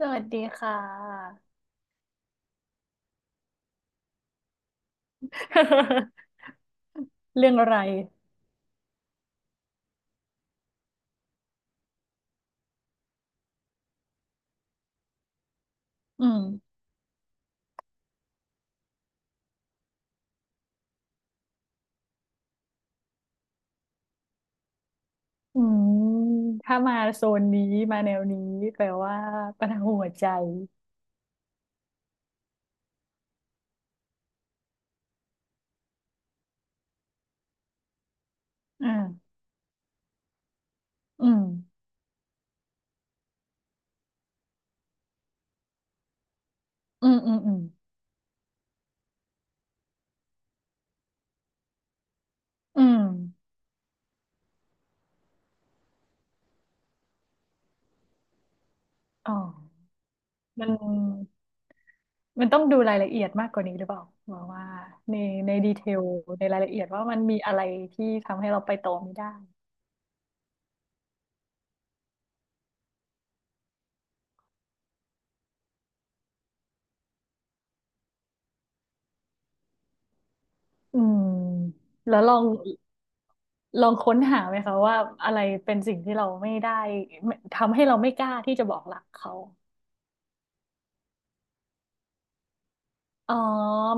สวัสดีค่ะ เรื่องอะไรอืมอืมถ้ามาโซนนี้มาแนวนี้แปลว่าปัญหาหัวใจอ่าอืมอืมอืมอืมอืมอ๋อมันมันต้องดูรายละเอียดมากกว่านี้หรือเปล่าว่าในในดีเทลในรายละเอียดว่ามันมีอะไรที่ทำให้เราไปต่อไม่ได้อืมแล้วลองค้นหาไหมคะว่าอะไรเป็นสิ่งที่เราไม่ได้ไม่ทำให้เราไม่กล้าที่จะบอกรักเขา อ๋อ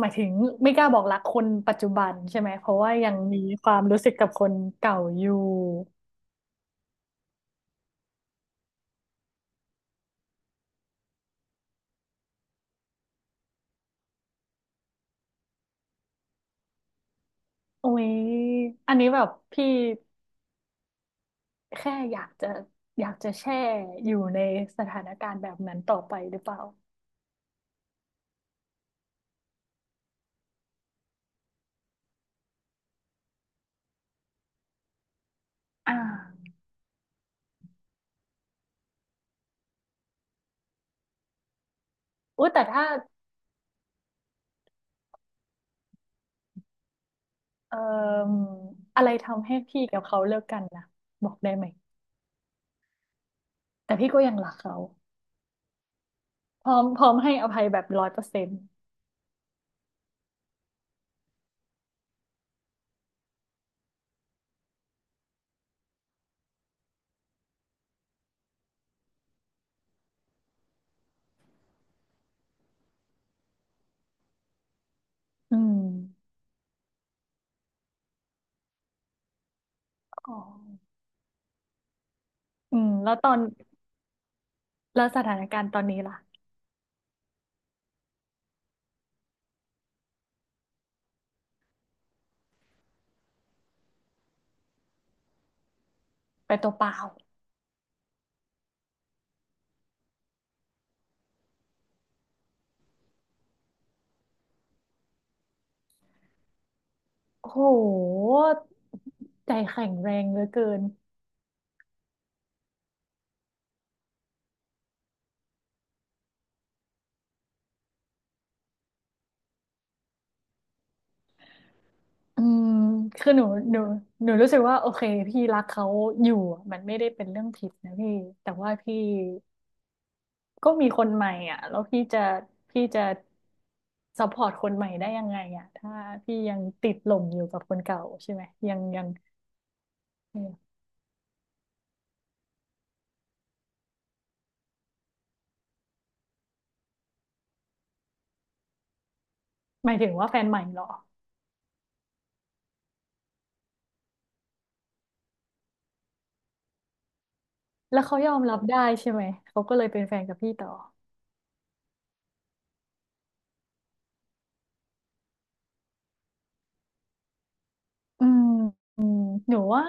หมายถึงไม่กล้าบอกรักคนปัจจุบันใช่ไหมเพราะว่ายังมีความรู้สึกกับคนเก่าอยู่โอ้ยอันนี้แบบพี่แค่อยากจะแช่อยู่ในสถานการณ์แบบนั้นต่อไปหรือเปล่าอ่าอุ้ยแต่ถ้าเอ่ออะไรทำให้พี่กับเขาเลิกกันนะบอกได้ไหมแต่พี่ก็ยังรักเขาพร้อมให้อภัยแบบร้อยเปอร์เซ็นต์อืมอ๋ออืมแล้วตอนแล้วสถานการณ์ตอนนี้ล่ะไปตัวเปล่า โอ้โหใจแข็งแรงเหลือเกินอืมคือหนูหนูรู้สึกว่าโอเคพี่รักเขาอยู่อะมันไม่ได้เป็นเรื่องผิดนะพี่แต่ว่าพี่ก็มีคนใหม่อ่ะแล้วพี่จะซัพพอร์ตคนใหม่ได้ยังไงอ่ะถ้าพี่ยังติดหลงอยู่กับคนเก่าใช่ไหมยังยังหมายถึงว่าแฟนใหม่เหรอแล้วเขายอมรับได้ใช่ไหมเขาก็เลยเป็นแฟนกับพี่ต่ออืมอืมหนูว่า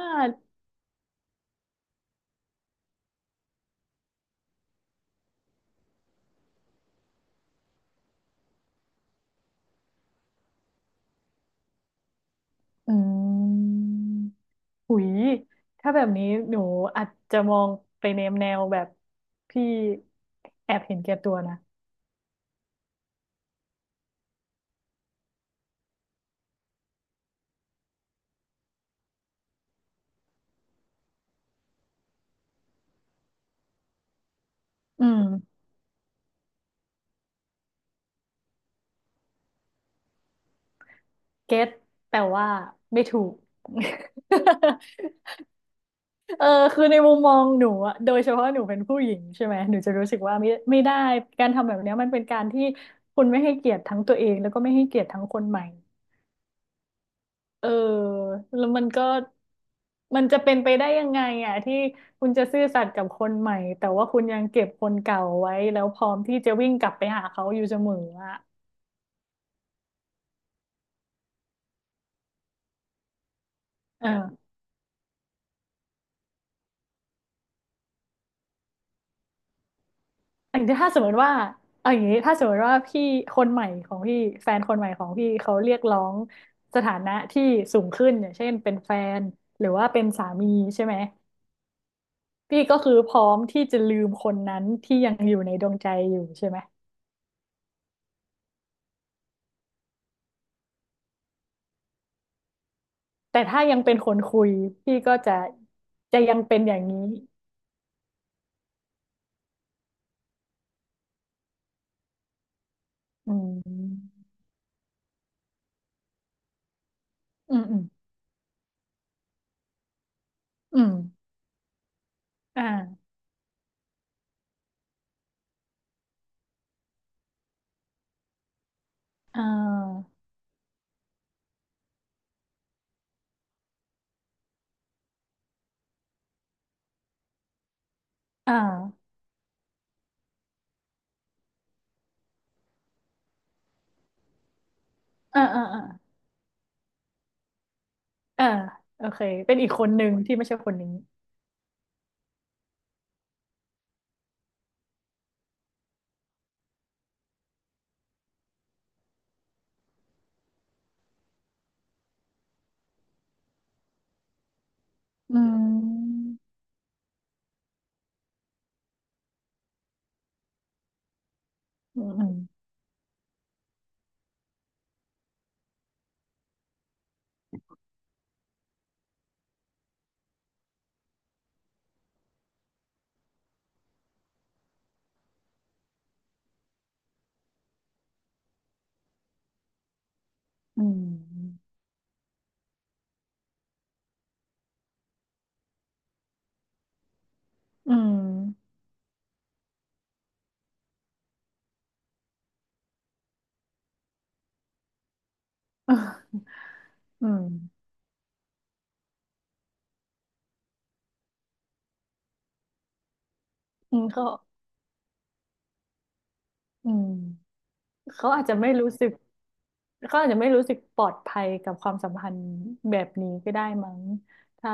อืม หุยถ้าแบบนี้หนูอาจจะมองไปในแนวแบบพี่แอบเห็นแก่ตัวนะอืมเก็ตแต่ว่าไม่ถูก เออคือในมุมมองหนูอะโดยเฉพาะหนูเป็นผู้หญิงใช่ไหมหนูจะรู้สึกว่าไม่ไม่ได้การทำแบบเนี้ยมันเป็นการที่คุณไม่ให้เกียรติทั้งตัวเองแล้วก็ไม่ให้เกียรติทั้งคนใหม่ เออแล้วมันก็มันจะเป็นไปได้ยังไงอ่ะที่คุณจะซื่อสัตย์กับคนใหม่แต่ว่าคุณยังเก็บคนเก่าไว้แล้วพร้อมที่จะวิ่งกลับไปหาเขาอยู่เสมออ่ะเอออันนี้ถ้าสมมติว่าเอาอย่างนี้ถ้าสมมติว่าพี่คนใหม่ของพี่แฟนคนใหม่ของพี่เขาเรียกร้องสถานะที่สูงขึ้นอย่างเช่นเป็นแฟนหรือว่าเป็นสามีใช่ไหมพี่ก็คือพร้อมที่จะลืมคนนั้นที่ยังอยู่ในดวงใจอยู่ใช่ไหม แต่ถ้ายังเป็นคนคุยพี่ก็จะจะยังเป็นอย่างนี้อืมอืมอืมอืมอ่าอ่าอ่าอ่าอ่าอ่าอ่าโอเค เป็นอีกคนหนึ่งที่ไม่ใช่คนนี้อืมอืมอืมอืมอืม อืมเขาอืมเขาอาจจะไม่รู้สึกเขาอาจจะไม่รู้สึกปลอดภัยกับความสัมพันธ์แบบนี้ก็ได้มั้งถ้า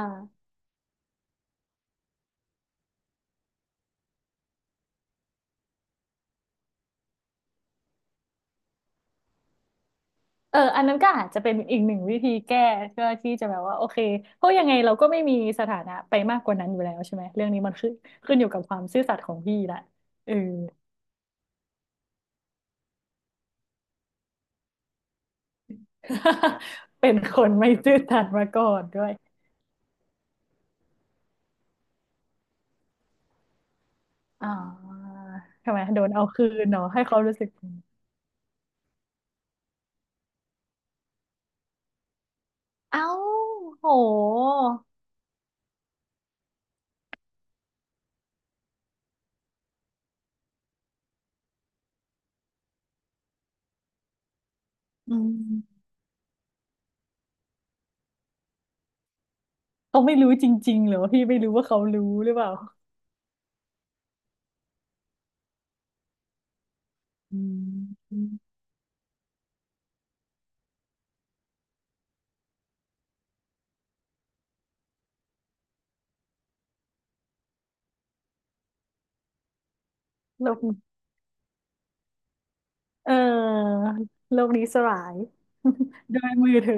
เอออันนั้นก็อาจจะเป็นอีกหนึ่งวิธีแก้เพื่อที่จะแบบว่าโอเคเพราะยังไงเราก็ไม่มีสถานะไปมากกว่านั้นอยู่แล้วใช่ไหมเรื่องนี้มันขึ้นอยู่กับความซื่อสัตย์ของพี่ละเออ เป็นคนไม่ซื่อสัตย์มาก่อนด้วยอ๋อทำไมโดนเอาคืนเนาะให้เขารู้สึกเอ้าโหอืมเขาไม่รู้จริงๆเหรอพี่ไม่รู้ว่าเขารู้หรือเปล่าอืมโลกเออโลกนี้สลาย ด้วยมือเธอ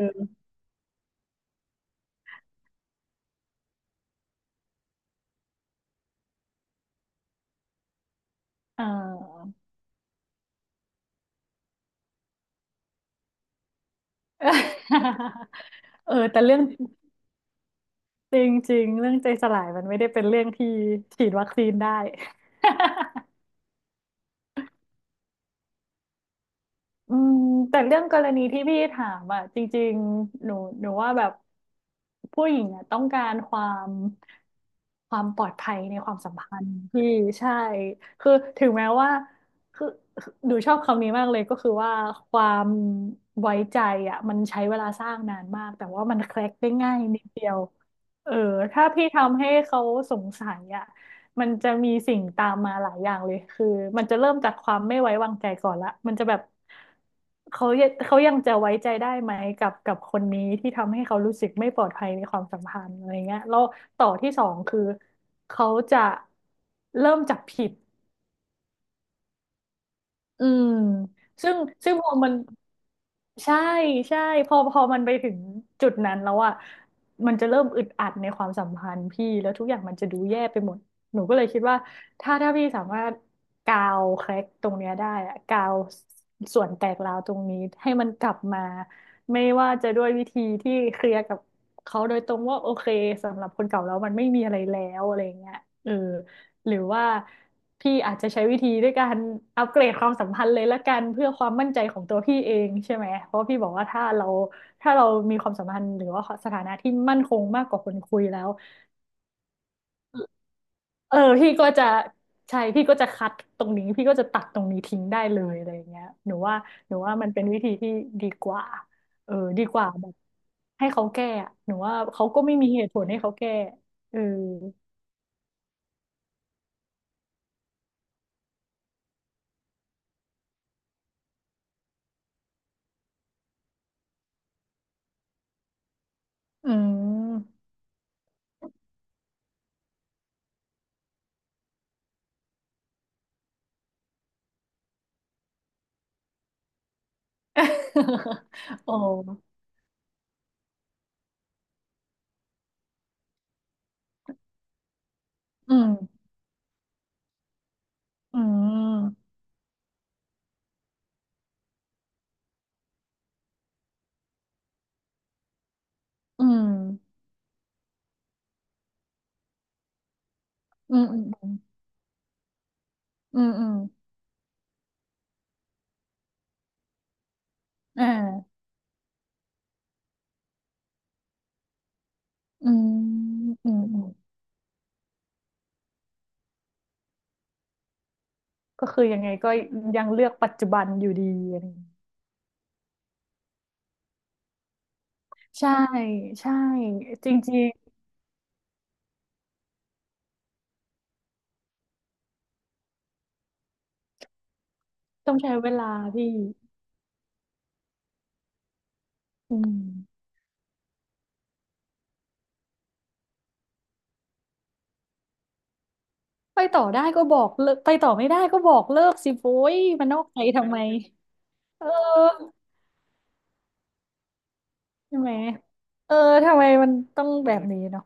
เออ เออแต่เรื่องจริงๆเรื่องใจสลายมันไม่ได้เป็นเรื่องที่ฉีดวัคซีนได้ อืมแต่เรื่องกรณีที่พี่ถามอ่ะจริงๆหนูว่าแบบผู้หญิงอ่ะต้องการความปลอดภัยในความสัมพันธ์พี่ใช่คือถึงแม้ว่าคือคือหนูชอบคำนี้มากเลยก็คือว่าความไว้ใจอ่ะมันใช้เวลาสร้างนานมากแต่ว่ามันแคร็กได้ง่ายนิดเดียวเออถ้าพี่ทำให้เขาสงสัยอ่ะ มันจะมีสิ่งตามมาหลายอย่างเลย คือมันจะเริ่มจากความไม่ไว้วางใจก่อนละ มันจะแบบเขายังจะไว้ใจได้ไหมกับคนนี้ที่ทำให้เขารู้สึกไม่ปลอดภัยในความสัมพันธ์อะไรเงี้ยแล้วต่อที่สองคือเขาจะเริ่มจับผิด อืมซึ่งซึ่งพอมันใช่ใช่พอมันไปถึงจุดนั้นแล้วอ่ะมันจะเริ่มอึดอัดในความสัมพันธ์พี่แล้วทุกอย่างมันจะดูแย่ไปหมดหนูก็เลยคิดว่าถ้าพี่สามารถกาวแคร็กตรงเนี้ยได้อะกาวส่วนแตกร้าวตรงนี้ให้มันกลับมาไม่ว่าจะด้วยวิธีที่เคลียร์กับเขาโดยตรงว่าโอเคสำหรับคนเก่าแล้วมันไม่มีอะไรแล้วอะไรเงี้ยเออ หรือว่าพี่อาจจะใช้วิธีด้วยการอัปเกรดความสัมพันธ์เลยละกันเพื่อความมั่นใจของตัวพี่เองใช่ไหมเพราะพี่บอกว่าถ้าเรามีความสัมพันธ์หรือว่าสถานะที่มั่นคงมากกว่าคนคุยแล้วเออพี่ก็จะใช่พี่ก็จะคัดตรงนี้พี่ก็จะตัดตรงนี้ทิ้งได้เลยอะไรอย่างเงี้ยหนูว่ามันเป็นวิธีที่ดีกว่าเออดีกว่าแบบให้เขาแก้อะหนูว่าเขาก็ไม่มีเหตุผลให้เขาแก้เอออืม โอ้อืม อืมอืมอืมอืมอืมอ่าอืมอืมก็คือยังไงก็ยังเลือกปัจจุบันอยู่ดีอะไรอย่างเงี้ยใช่ใช่จริงๆต้องใช้เวลาพี่อืมไปต่อได้ก็บอกเลิกไปต่อไม่ได้ก็บอกเลิกสิโว้ยมันนอกใจทำไมเออใช่ไหมเออทำไมมันต้องแบบนี้เนาะ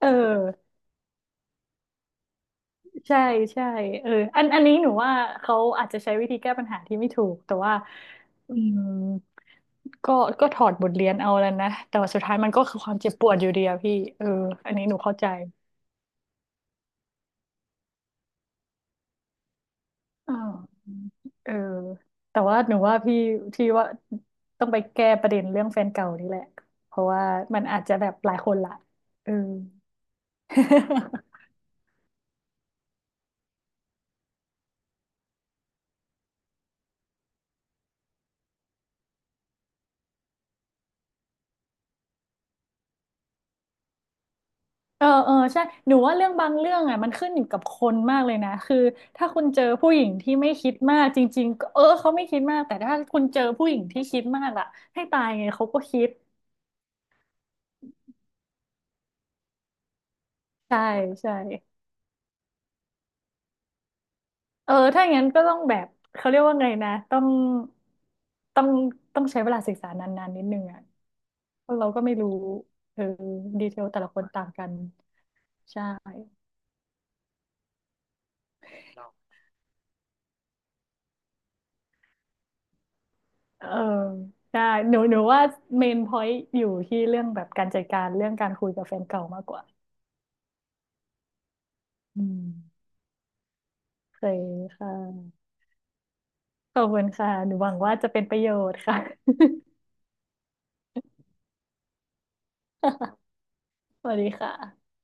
เออ ใช่ใช่เอออันนี้หนูว่าเขาอาจจะใช้วิธีแก้ปัญหาที่ไม่ถูกแต่ว่าอืมก็ก็ถอดบทเรียนเอาแล้วนะแต่ว่าสุดท้ายมันก็คือความเจ็บปวดอยู่ดีอะพี่เอออันนี้หนูเข้าใจอ่าวเออแต่ว่าหนูว่าพี่พี่ว่าต้องไปแก้ประเด็นเรื่องแฟนเก่านี่แหละเพราะว่ามันอาจจะแบบหลายคนละเออ เออ เออ ใช่ หนูว่าเรื่องบางเรื่องอ่ะมันขึ้นอยู่กับคนมากเลยนะ คือถ้าคุณเจอผู้หญิงที่ไม่คิดมากจริงๆก็เออเขาไม่คิดมาก แต่ถ้าคุณเจอผู้หญิงที่คิดมากล่ะให้ตายไงเขาก็คิด ใช่ ใช่ เออ ถ้าอย่างนั้นก็ต้องแบบเขาเรียกว่าไงนะต้องต้อง ต้องใช้เวลาศึกษานานๆนิดนึงอ่ะเพราะเราก็ไม่รู้เออดีเทลแต่ละคนต่างกันใช่เออใช่หนูว่าเมนพอยต์อยู่ที่เรื่องแบบการจัดการเรื่องการคุยกับแฟนเก่ามากกว่า อืมเคยค่ะขอบคุณค่ะหนูหวังว่าจะเป็นประโยชน์ค่ะ สวัสดีค่ะ